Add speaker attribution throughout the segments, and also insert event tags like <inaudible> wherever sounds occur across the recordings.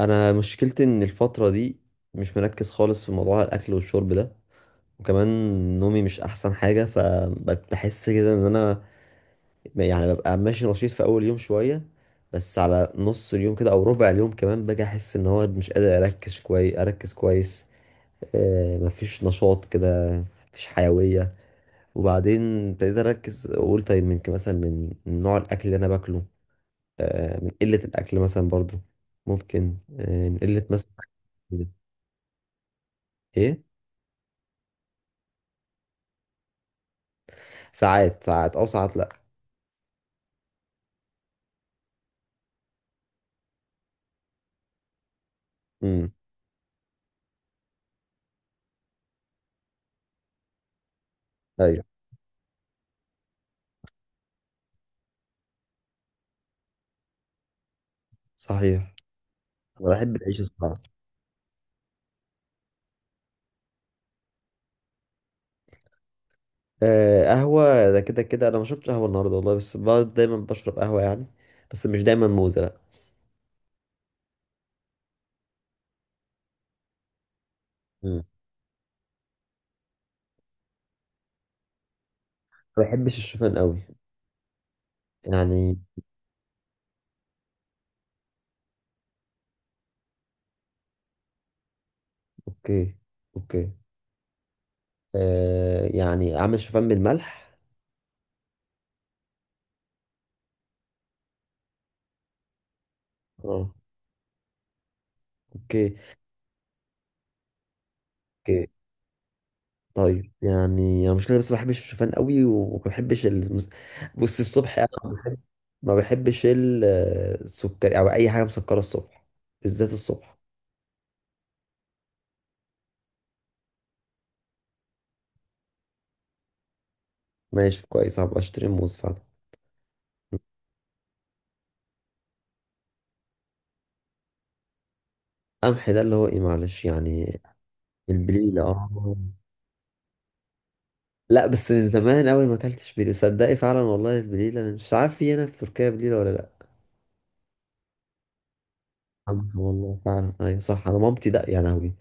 Speaker 1: انا مشكلتي ان الفتره دي مش مركز خالص في موضوع الاكل والشرب ده، وكمان نومي مش احسن حاجه. فبحس كده ان انا يعني ببقى ماشي نشيط في اول يوم شويه، بس على نص اليوم كده او ربع اليوم كمان باجي احس ان هو مش قادر اركز كويس. مفيش نشاط كده، مفيش حيويه. وبعدين ابتديت اركز، اقول طيب يمكن مثلا من نوع الاكل اللي انا باكله. من قله الاكل مثلا، برضو ممكن من قله مثلا. ايه. ساعات ساعات او ساعات، لا. امم. ايوه، صحيح. انا بحب العيش الصعب. آه، قهوه ده كده كده انا ما شربتش قهوه النهارده والله، بس بقعد دايما بشرب قهوه يعني. بس مش دايما موزه، لا. امم. ما بحبش الشوفان قوي يعني. اوكي، اوكي. آه، يعني اعمل شوفان بالملح؟ اه. اوكي، اوكي. طيب يعني انا مشكله، بس ما بحبش الشوفان قوي وما بحبش بص، الصبح انا ما بحبش السكر او اي حاجه مسكره الصبح، بالذات الصبح. ماشي، كويس، هبقى اشتري موز فعلا. قمح ده اللي هو ايه؟ معلش يعني. البليلة، اه. لا بس من زمان قوي ما اكلتش بليلة صدقي فعلا والله. البليلة مش عارف في هنا في تركيا بليلة ولا لا. قمح، والله فعلا، ايوه صح. انا مامتي ده يا لهوي.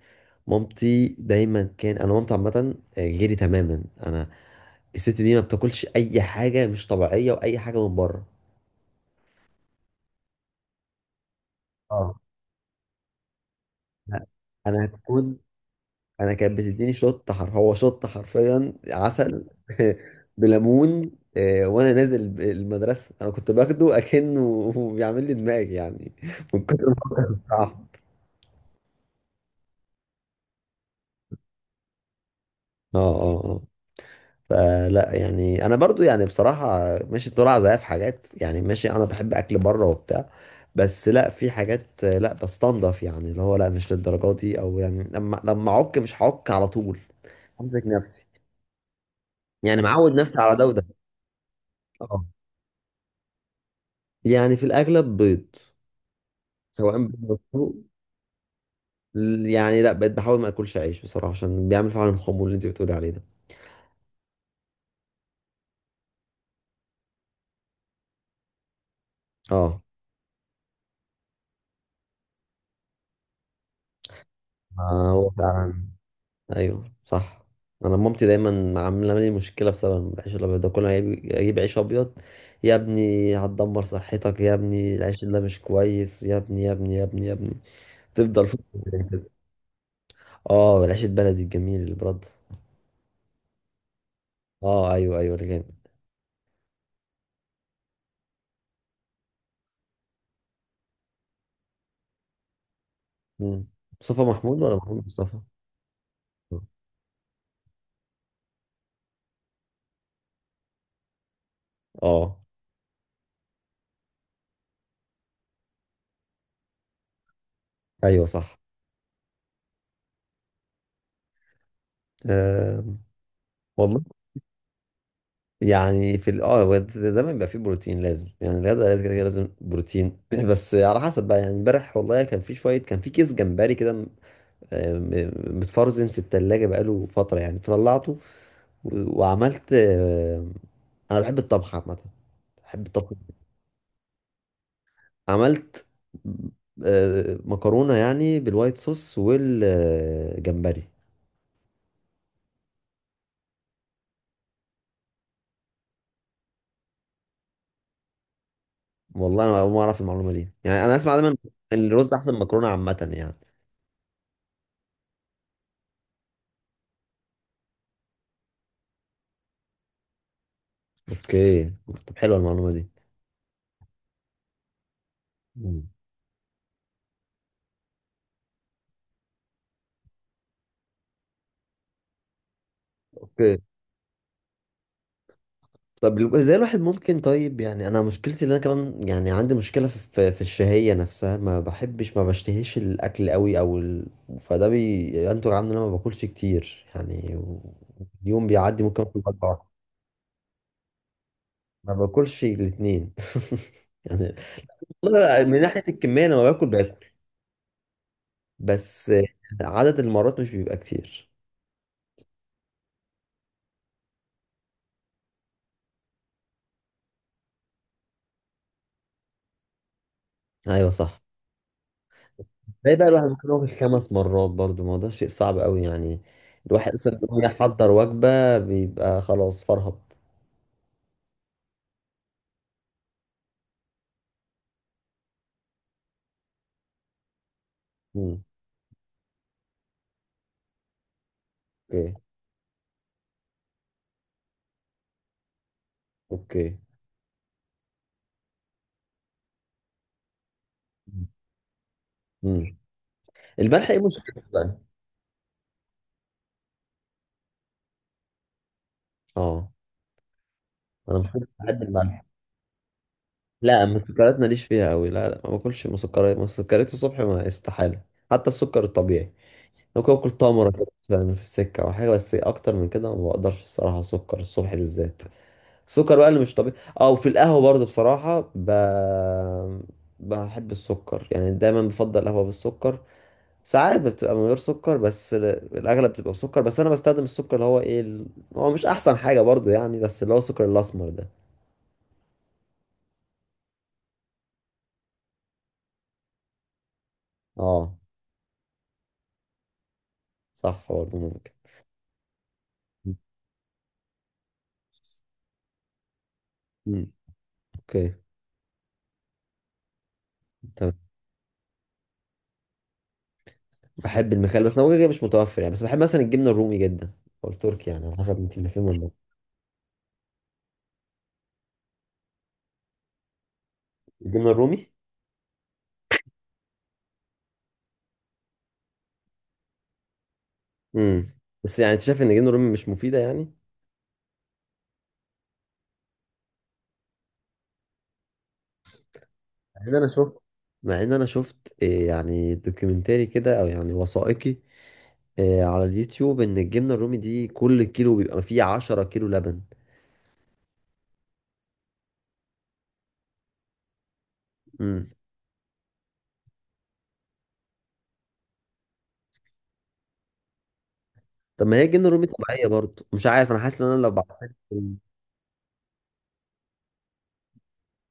Speaker 1: مامتي دايما كان انا مامتي عامة غيري تماما انا. الست دي ما بتاكلش اي حاجة مش طبيعية واي حاجة من بره. اه. لا. انا كنت انا كانت بتديني شط حر، هو شط حرفيا عسل <laughs> بليمون. وانا نازل المدرسه، انا كنت باخده اكنه <laughs> بيعمل لي دماغ يعني <laughs> من كتر ما، بصراحه. اه، اه، اه. فلا يعني انا برضو يعني بصراحه ماشي، طلع زيها في حاجات يعني، ماشي، انا بحب اكل بره وبتاع. بس لا في حاجات لا بستنضف يعني، اللي هو لا مش للدرجه دي، او يعني لما اعك مش هعك على طول. همسك نفسي يعني معود نفسي على ده وده. اه. يعني في الاغلب بيض، سواء بالمسلوق. يعني لا، بقيت بحاول ما اكلش عيش بصراحه، عشان بيعمل فعلا الخمول اللي انت بتقولي عليه ده. اه. هو فعلا. ايوه صح. انا مامتي دايما عامله لي مشكله بسبب العيش الابيض ده، كل ما اجيب عيش ابيض: يا ابني هتدمر صحتك، يا ابني العيش ده مش كويس، يا ابني، يا ابني، يا ابني، يا ابني، تفضل في <laughs> اه، العيش البلدي الجميل اللي برد. اه، ايوه، ايوه، اللي جامد. مم. مصطفى محمود ولا محمود مصطفى؟ اه. آه، ايوه صح. أه، والله. يعني في دايما بيبقى فيه بروتين لازم يعني، الرياضه لازم كده كده لازم بروتين <laughs> <clears throat> بس على حسب بقى يعني، امبارح والله كان في شويه، كان في كيس جمبري كده متفرزن في التلاجة بقاله فتره يعني، طلعته وعملت انا بحب الطبخ عامه، بحب الطبخ. عملت مكرونه يعني بالوايت صوص والجمبري. والله انا اول مره اعرف المعلومه دي يعني، انا اسمع دايما إن الرز احسن من المكرونه عامه يعني. اوكي. طب حلوه المعلومه دي. اوكي. طب ازاي الواحد ممكن؟ طيب يعني انا مشكلتي ان انا كمان يعني عندي مشكله في الشهيه نفسها، ما بشتهيش الاكل قوي، او فده بينتج عنه ان انا ما باكلش كتير يعني، اليوم بيعدي ممكن اكل وجبه واحده. ما باكلش الاثنين <laughs> يعني. والله من ناحيه الكميه انا ما باكل، باكل، بس عدد المرات مش بيبقى كتير. ايوه صح. ده بقى الواحد ممكن ياكل خمس مرات برضو؟ ما هو ده شيء صعب قوي يعني، الواحد اصلا إن هو يحضر وجبة بيبقى خلاص فرهط. مم. اوكي، اوكي. مم. الملح ايه مشكلته بقى؟ اه. انا بحب الملح. لا، المسكرات ماليش فيها قوي، لا، لا، ما باكلش مسكرات، مسكرات الصبح ما، استحالة. حتى السكر الطبيعي ممكن اكل تمرة كده مثلا في السكة او حاجة، بس اكتر من كده ما بقدرش الصراحة، سكر الصبح بالذات. السكر بقى اللي مش طبيعي، اه، وفي القهوة برضه بصراحة بحب السكر يعني، دايما بفضل قهوة بالسكر. ساعات بتبقى من غير سكر، بس الأغلب بتبقى بسكر، بس أنا بستخدم السكر اللي هو إيه هو مش أحسن حاجة برضه يعني، بس اللي هو السكر الأسمر ده. اه، صح، برضه ممكن. مم. اوكي. تمام. بحب المخلل بس هو كده مش متوفر يعني، بس بحب مثلا الجبنة الرومي جدا، أو التركي يعني على حسب أنت اللي فين ولا لأ. الجبنة الرومي. امم. بس يعني أنت شايف إن الجبنة الرومي مش مفيدة يعني؟ إن أنا شفت مع ان انا شفت، إيه، يعني دوكيومنتري كده او يعني وثائقي، إيه، على اليوتيوب، ان الجبنه الرومي دي كل كيلو بيبقى فيه 10 كيلو لبن. امم. طب ما هي الجبنه الرومي طبيعيه برضه؟ مش عارف انا، حاسس ان انا لو بعتها.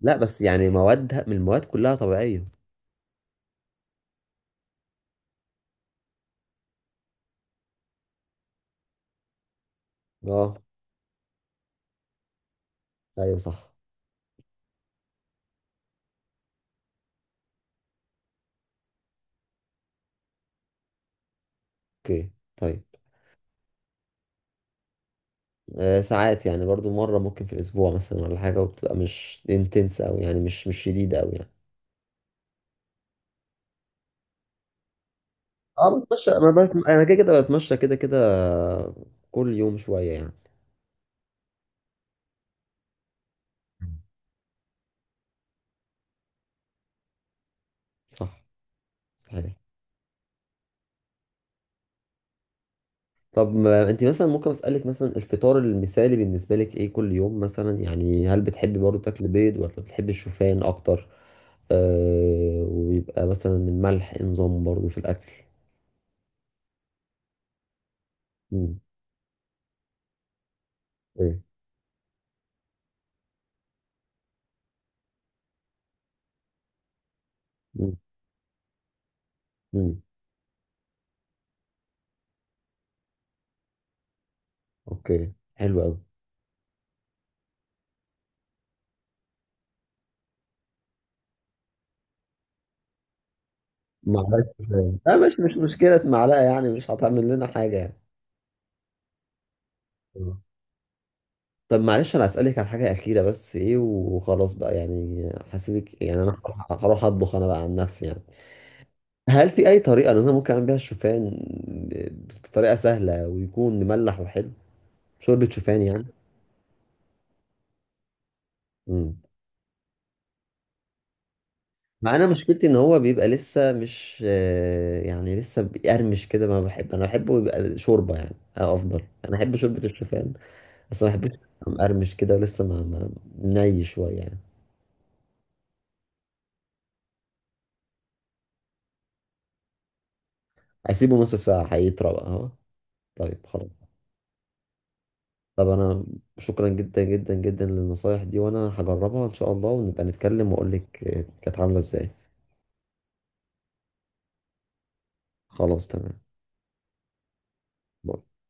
Speaker 1: لا بس يعني موادها من المواد كلها طبيعيه. اه، ايوه صح. اوكي. طيب. آه، ساعات يعني برضو مره ممكن في الاسبوع مثلا ولا حاجه، وبتبقى مش انتنس او يعني مش شديده او يعني. اه، بتمشى، انا كده كده بتمشى كده كده، كل يوم شويه يعني. مم. صح، صحيح. طب ما انت مثلا ممكن اسالك مثلا، الفطار المثالي بالنسبه لك ايه كل يوم مثلا يعني؟ هل بتحبي برضو تاكلي بيض ولا بتحبي الشوفان اكتر؟ آه، ويبقى مثلا الملح إيه نظام برضو في الاكل؟ امم. ايه. امم. امم. اوكي، حلو قوي. معلقه شوفان؟ لا مش مشكله معلقه يعني، مش هتعمل لنا حاجه يعني. آه. طب معلش انا اسالك على حاجه اخيره بس، ايه، وخلاص بقى يعني، هسيبك يعني، انا هروح اطبخ انا بقى عن نفسي يعني. هل في أي طريقة إن أنا ممكن أعمل بيها الشوفان بطريقة سهلة ويكون مملح وحلو؟ شوربة شوفان يعني. مم. مع، أنا مشكلتي إن هو بيبقى لسه مش يعني لسه بيقرمش كده، ما بحب أنا بحبه يبقى شوربة يعني، أو أفضل أنا أحب شوربة الشوفان. بس ما بحبش يبقى مقرمش كده ولسه ما ني شوية يعني. أسيبه نص ساعة هيطرى بقى أهو. طيب، خلاص. طب أنا، شكرا جدا جدا جدا للنصايح دي، وأنا هجربها إن شاء الله، ونبقى نتكلم وأقول لك كانت عاملة إزاي. خلاص، تمام. باي.